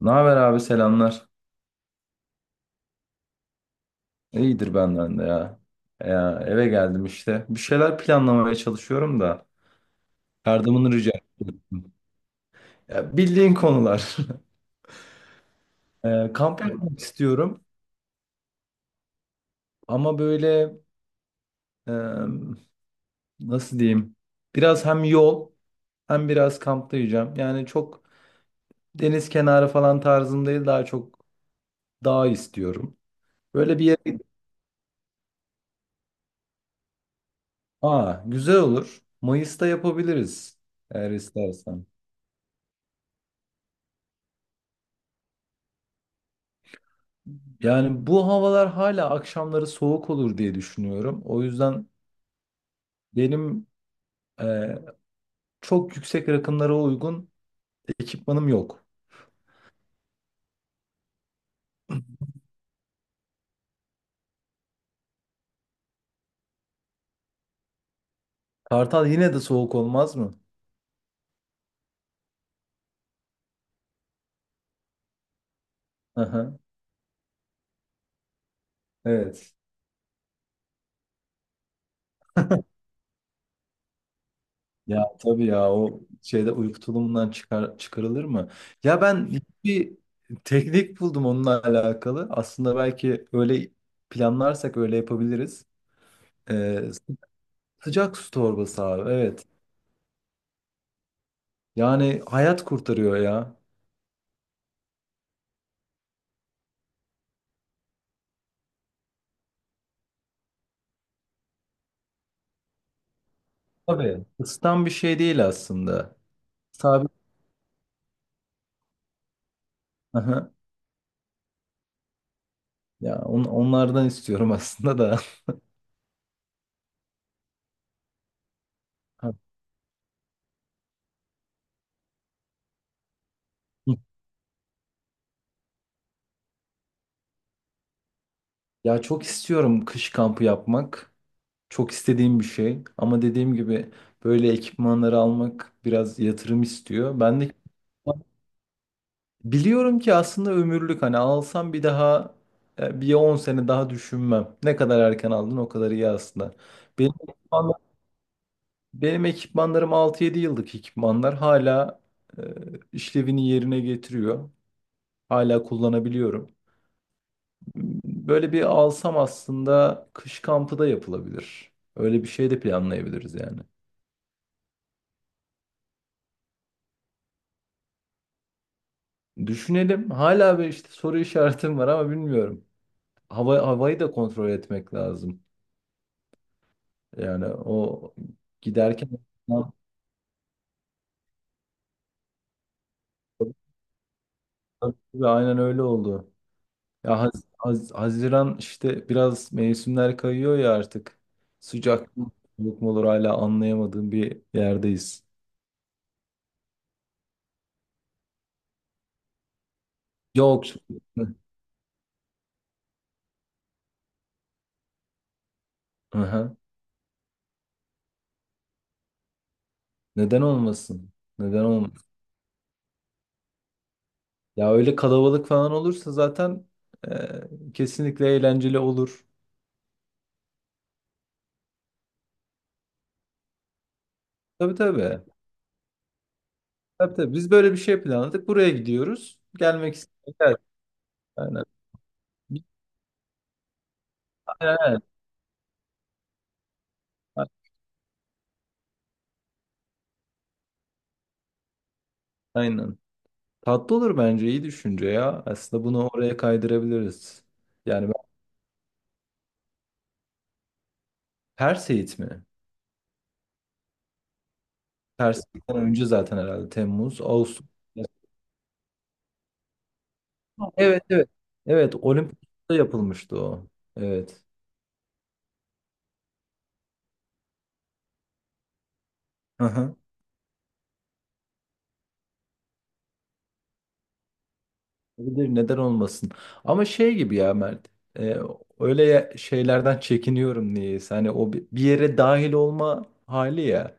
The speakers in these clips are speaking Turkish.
Ne haber abi, selamlar. İyidir benden de ya. Ya eve geldim işte. Bir şeyler planlamaya çalışıyorum da yardımını rica ediyorum. Ya bildiğin konular. Kamp yapmak istiyorum ama böyle, e, nasıl diyeyim? Biraz hem yol hem biraz kampta yiyeceğim. Yani çok deniz kenarı falan tarzım değil, daha çok dağ istiyorum. Böyle bir yere... Aa, güzel olur. Mayıs'ta yapabiliriz eğer istersen. Yani bu havalar hala akşamları soğuk olur diye düşünüyorum. O yüzden benim e, çok yüksek rakımlara uygun ekipmanım yok. Kartal yine de soğuk olmaz mı? Hı hı. Evet. Ya tabii ya, o şeyde uyku tulumundan çıkarılır mı? Ya ben bir teknik buldum onunla alakalı. Aslında belki öyle planlarsak öyle yapabiliriz. E, Sıcak su torbası abi, evet. Yani hayat kurtarıyor ya. Tabii. Isıtan bir şey değil aslında. Sabit. Aha. Ya onlardan istiyorum aslında da. Ha. Ya çok istiyorum kış kampı yapmak. Çok istediğim bir şey. Ama dediğim gibi böyle ekipmanları almak biraz yatırım istiyor. Ben de biliyorum ki aslında ömürlük. Hani alsam bir daha bir 10 sene daha düşünmem. Ne kadar erken aldın o kadar iyi aslında. Benim Benim ekipmanlarım altı yedi yıllık ekipmanlar. Hala e, işlevini yerine getiriyor. Hala kullanabiliyorum. Böyle bir alsam aslında kış kampı da yapılabilir. Öyle bir şey de planlayabiliriz yani. Düşünelim. Hala bir işte soru işaretim var ama bilmiyorum. Havayı da kontrol etmek lazım. Yani o giderken ve aynen öyle oldu. Ya Haziran işte biraz mevsimler kayıyor ya artık. Sıcak mı soğuk mu olur hala anlayamadığım bir yerdeyiz. Yok. Hı. Aha. Neden olmasın? Neden olmasın? Ya öyle kalabalık falan olursa zaten kesinlikle eğlenceli olur. Tabii tabii. Tabii tabii. Biz böyle bir şey planladık. Buraya gidiyoruz. Gelmek isteyenler. Aynen. Aynen. Evet. Aynen. Tatlı olur bence. İyi düşünce ya. Aslında bunu oraya kaydırabiliriz. Yani Pers Eğit mi? Pers Eğit'ten önce zaten herhalde Temmuz, Ağustos. Evet evet. Evet, Olimpos'ta yapılmıştı o. Evet. Hı hı. Olabilir, neden olmasın. Ama şey gibi ya Mert. e, Öyle şeylerden çekiniyorum niyeyse. Hani o bir yere dahil olma hali ya.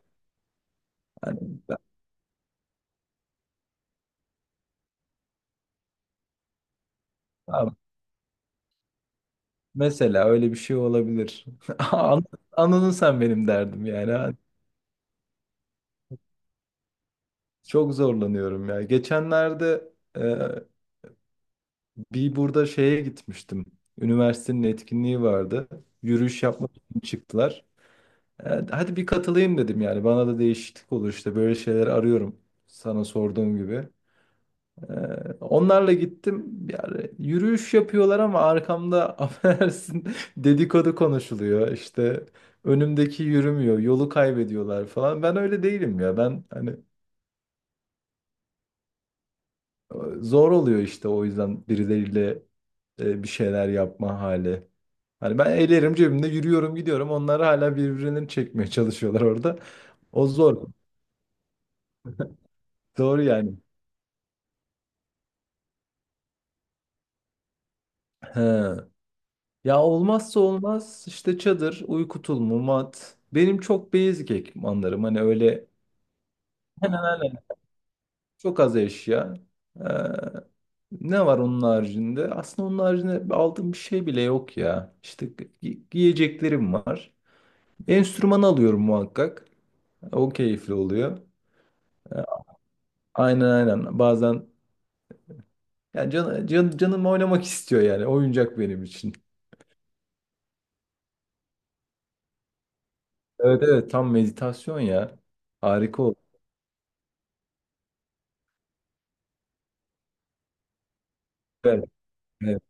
Hani ben- tamam, mesela öyle bir şey olabilir. An- Anladın sen benim derdim yani. Ha. Çok zorlanıyorum ya. Geçenlerde bir burada şeye gitmiştim. Üniversitenin etkinliği vardı. Yürüyüş yapmak için çıktılar. Hadi bir katılayım dedim yani. Bana da değişiklik olur işte. Böyle şeyler arıyorum. Sana sorduğum gibi. E, Onlarla gittim. Yani yürüyüş yapıyorlar ama arkamda affedersin, dedikodu konuşuluyor. İşte önümdeki yürümüyor. Yolu kaybediyorlar falan. Ben öyle değilim ya. Ben hani zor oluyor işte o yüzden birileriyle bir şeyler yapma hali. Hani ben ellerim cebimde yürüyorum gidiyorum. Onlar hala birbirlerini çekmeye çalışıyorlar orada. O zor. Doğru yani. He. Ya olmazsa olmaz işte çadır, uyku tulumu, mat. Benim çok basic ekipmanlarım. Hani öyle hemen hemen çok az eşya. Ee, Ne var onun haricinde? Aslında onun haricinde aldığım bir şey bile yok ya. İşte giyeceklerim var. Enstrüman alıyorum muhakkak. O keyifli oluyor. Ee, Aynen aynen. Bazen yani canım oynamak istiyor yani. Oyuncak benim için. Evet evet, tam meditasyon ya. Harika olur. Evet, evet,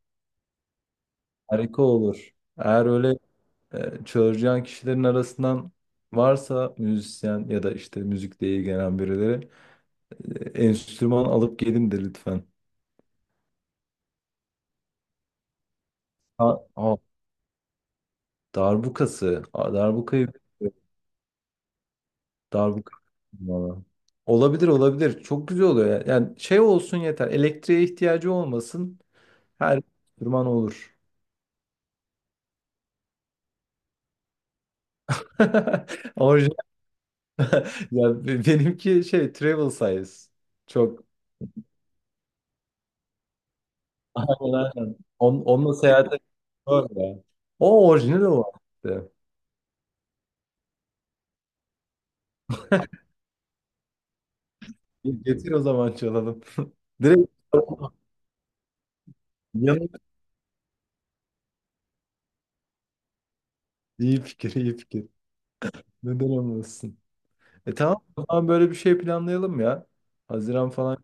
harika olur. Eğer öyle çağıracağın kişilerin arasından varsa müzisyen ya da işte müzikle ilgilenen birileri, enstrüman alıp gelin de lütfen. Ha, ha, darbukası. Aa, darbuka. Valla. Olabilir olabilir. Çok güzel oluyor. Yani, yani şey olsun yeter. Elektriğe ihtiyacı olmasın. Her enstrüman olur. Orijinal. Ya benimki şey travel size. Çok. Aynen aynen. Onunla seyahate doğru o orijinal o işte. Getir o zaman çalalım. Direkt yanına. İyi fikir, iyi fikir. Neden olmasın? E tamam, o zaman böyle bir şey planlayalım ya. Haziran falan.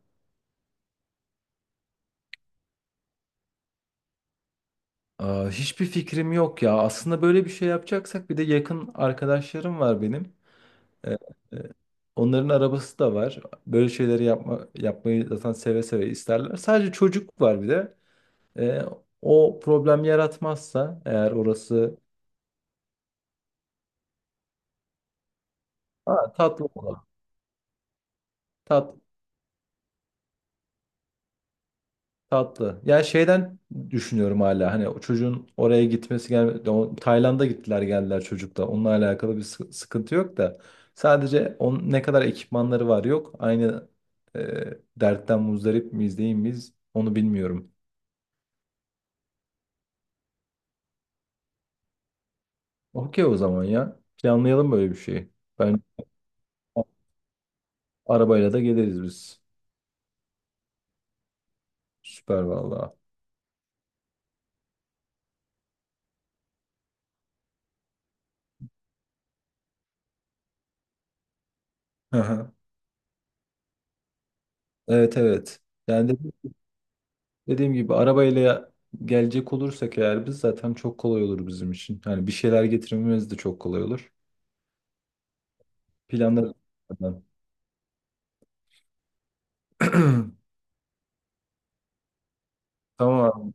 Aa, hiçbir fikrim yok ya. Aslında böyle bir şey yapacaksak bir de yakın arkadaşlarım var benim. E, Onların arabası da var. Böyle şeyleri yapmayı zaten seve seve isterler. Sadece çocuk var bir de. Ee, O problem yaratmazsa eğer orası... Ha, tatlı olur. Tat, Tatlı. Yani şeyden düşünüyorum hala hani o çocuğun oraya gitmesi gelmedi. O, Tayland'a gittiler geldiler çocukla. Onunla alakalı bir sıkıntı yok da. Sadece ne kadar ekipmanları var yok. Aynı e, dertten muzdarip miyiz değil miyiz onu bilmiyorum. Okey o zaman ya. Planlayalım böyle bir şeyi. Ben Arabayla da geliriz biz. Süper valla. Hı hı. Evet evet. Yani dediğim gibi arabayla gelecek olursak eğer biz, zaten çok kolay olur bizim için. Yani bir şeyler getirmemiz de çok kolay olur. Planları. Tamam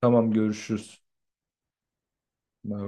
tamam, görüşürüz. Bye.